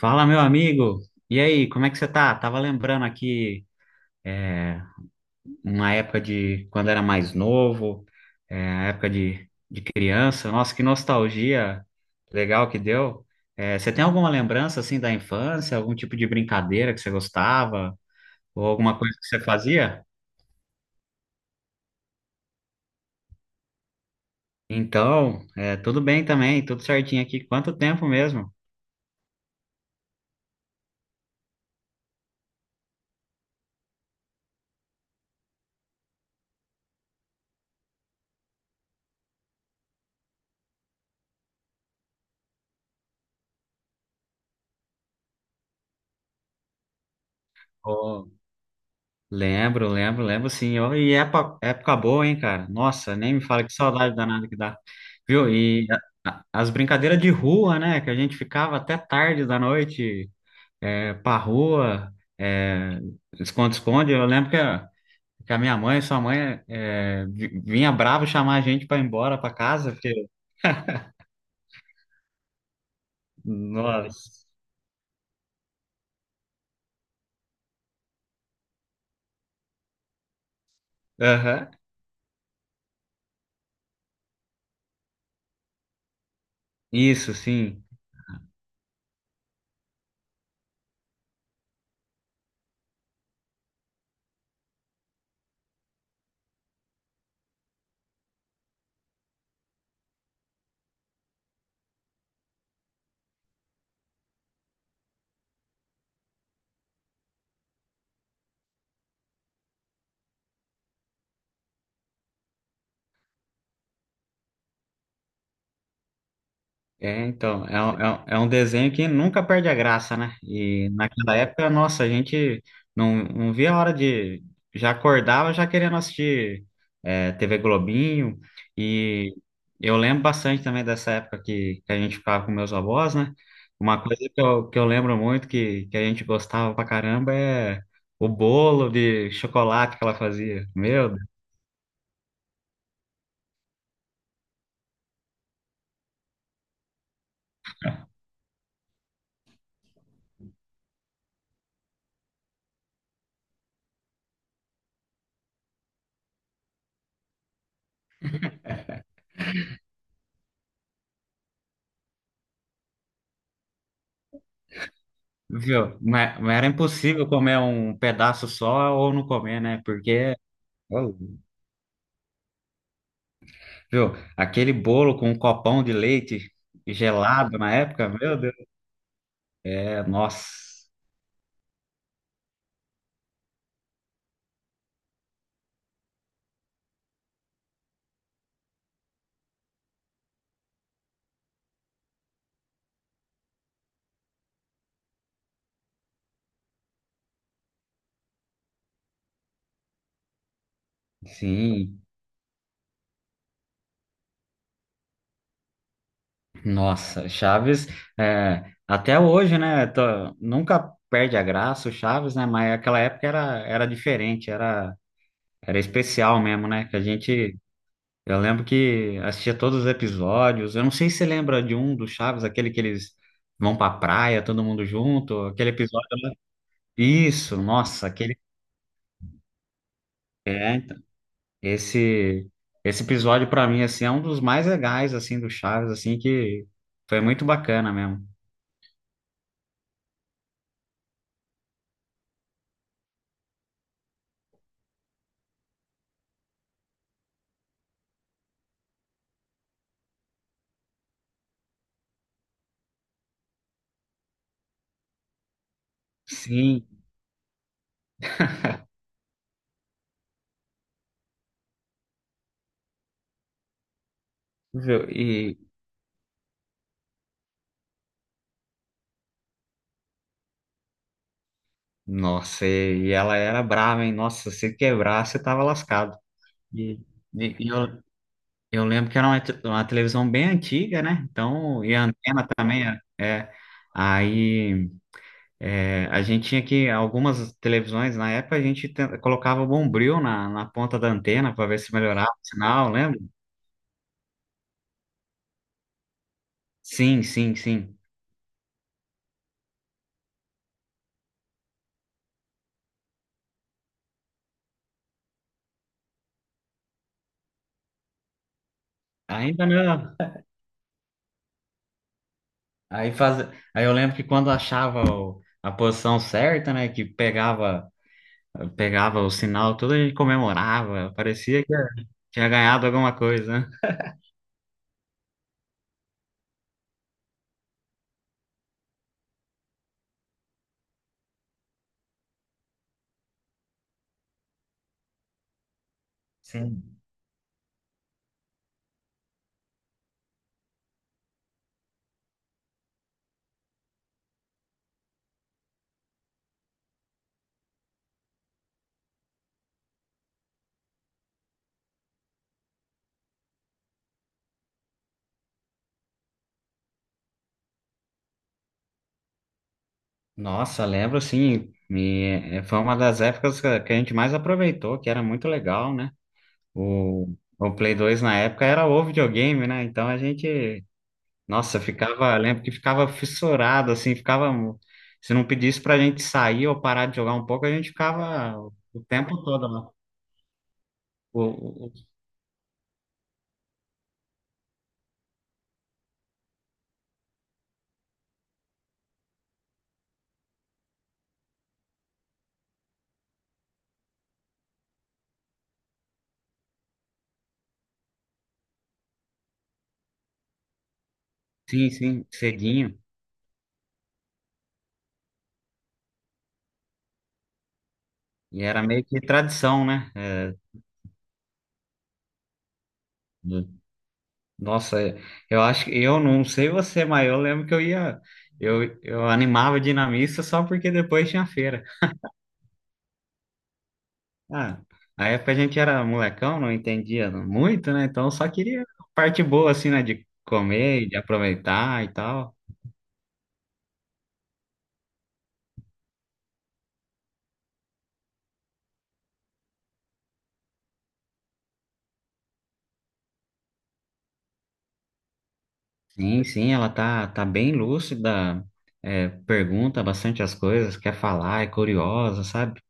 Fala, meu amigo. E aí, como é que você tá? Tava lembrando aqui uma época de quando era mais novo, a época de criança. Nossa, que nostalgia legal que deu. É, você tem alguma lembrança assim da infância, algum tipo de brincadeira que você gostava, ou alguma coisa que você fazia? Então, tudo bem também, tudo certinho aqui. Quanto tempo mesmo? Ô, lembro, lembro, lembro, sim. Ó, e época, época boa, hein, cara? Nossa, nem me fala, que saudade danada que dá. Viu? E as brincadeiras de rua, né? Que a gente ficava até tarde da noite, pra rua, esconde-esconde. Eu lembro que a minha mãe, sua mãe, vinha brava chamar a gente pra ir embora pra casa, porque. Nossa. Aham. Isso, sim. É, então, é um desenho que nunca perde a graça, né? E naquela época, nossa, a gente não via a hora de. Já acordava já querendo assistir, TV Globinho. E eu lembro bastante também dessa época que a gente ficava com meus avós, né? Uma coisa que eu lembro muito, que a gente gostava pra caramba, é o bolo de chocolate que ela fazia. Meu Deus, viu? Mas era impossível comer um pedaço só ou não comer, né? Porque. Viu? Aquele bolo com um copão de leite gelado na época, meu Deus. É, nossa, sim, nossa. Chaves, até hoje, né? Nunca perde a graça o Chaves, né? Mas aquela época era diferente, era especial mesmo, né? Que a gente. Eu lembro que assistia todos os episódios. Eu não sei se você lembra de um do Chaves, aquele que eles vão pra praia, todo mundo junto, aquele episódio lá. Isso, nossa, aquele. É. Esse esse episódio pra mim, assim, é um dos mais legais assim do Chaves, assim que foi muito bacana mesmo. Sim, viu? E nossa, e ela era brava, hein? Nossa, se quebrar, você tava lascado. E, e eu lembro que era uma televisão bem antiga, né? Então, e a antena também, aí, a gente tinha que, algumas televisões na época a gente colocava bombril na ponta da antena para ver se melhorava o sinal, lembra? Sim, sim, sim. Ainda não. Aí, eu lembro que quando achava a posição certa, né, que pegava, o sinal, tudo, a gente comemorava, parecia que tinha ganhado alguma coisa, né? Sim. Nossa, lembro, sim, foi uma das épocas que a gente mais aproveitou, que era muito legal, né? O, o Play 2 na época era o videogame, né? Então a gente. Nossa, eu ficava, eu lembro que ficava fissurado, assim, ficava. Se não pedisse pra gente sair ou parar de jogar um pouco, a gente ficava o tempo todo lá. O, o- o- sim, sim, cedinho. E era meio que tradição, né? É. Nossa, eu acho que, eu não sei você, mas eu lembro que eu animava de ir na missa só porque depois tinha feira. Ah, na época a gente era molecão, não entendia muito, né? Então só queria a parte boa, assim, né? De comer, e de aproveitar e tal. Sim, sim, ela tá bem lúcida, é, pergunta bastante as coisas, quer falar, é curiosa, sabe?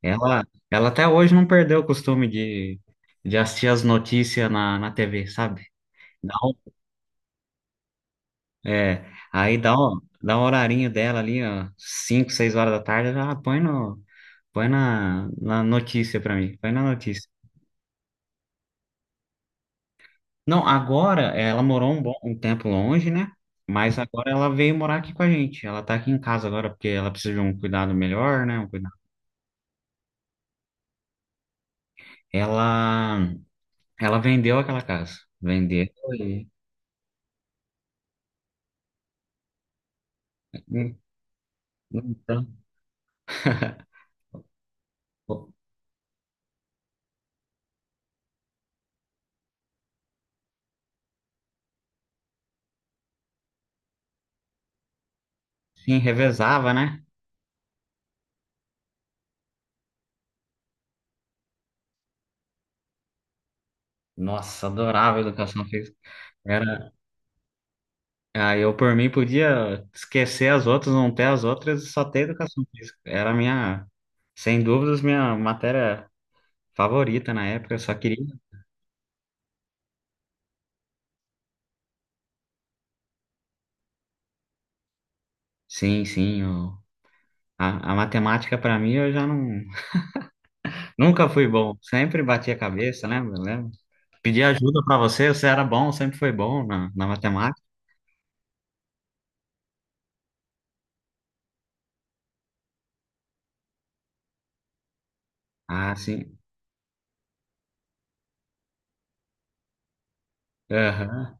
Ela, ela até hoje não perdeu o costume de assistir as notícias na TV, sabe? Dá um- é, aí dá um horarinho dela ali, ó, 5, 6 horas da tarde, ela põe, no, põe na, na notícia pra mim, põe na notícia. Não, agora ela morou um bom tempo longe, né? Mas agora ela veio morar aqui com a gente. Ela tá aqui em casa agora porque ela precisa de um cuidado melhor, né? Um cuidado. Ela ela vendeu aquela casa. Vendeu. E então, sim, revezava, né? Nossa, adorava a educação física. Era, ah, eu, por mim, podia esquecer as outras, não ter as outras e só ter educação física. Era a minha, sem dúvidas, minha matéria favorita na época. Eu só queria Sim, sim. A matemática, para mim, eu já não, nunca fui bom. Sempre bati a cabeça, lembra? Lembra? Pedi ajuda para você, você era bom, sempre foi bom na matemática. Ah, sim. Aham.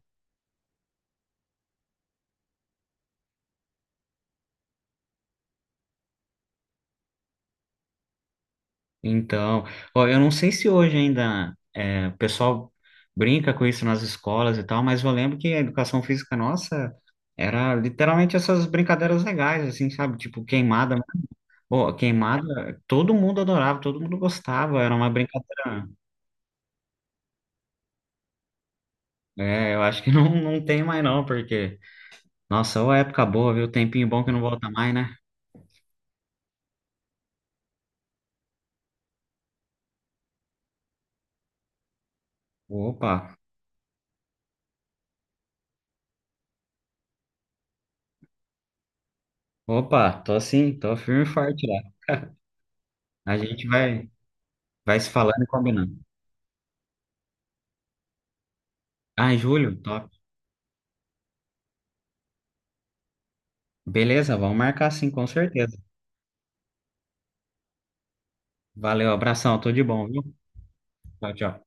Então, ó, eu não sei se hoje ainda o pessoal brinca com isso nas escolas e tal, mas eu lembro que a educação física nossa era literalmente essas brincadeiras legais, assim, sabe? Tipo queimada. Pô, queimada, todo mundo adorava, todo mundo gostava. Era uma brincadeira. É, eu acho que não, não tem mais não, porque. Nossa, ô, época boa, viu? Tempinho bom que não volta mais, né? Opa, opa, tô assim, tô firme e forte lá. A gente vai se falando e combinando. Ah, Júlio, top. Beleza, vamos marcar, sim, com certeza. Valeu, abração, tudo de bom, viu? Tchau, tchau.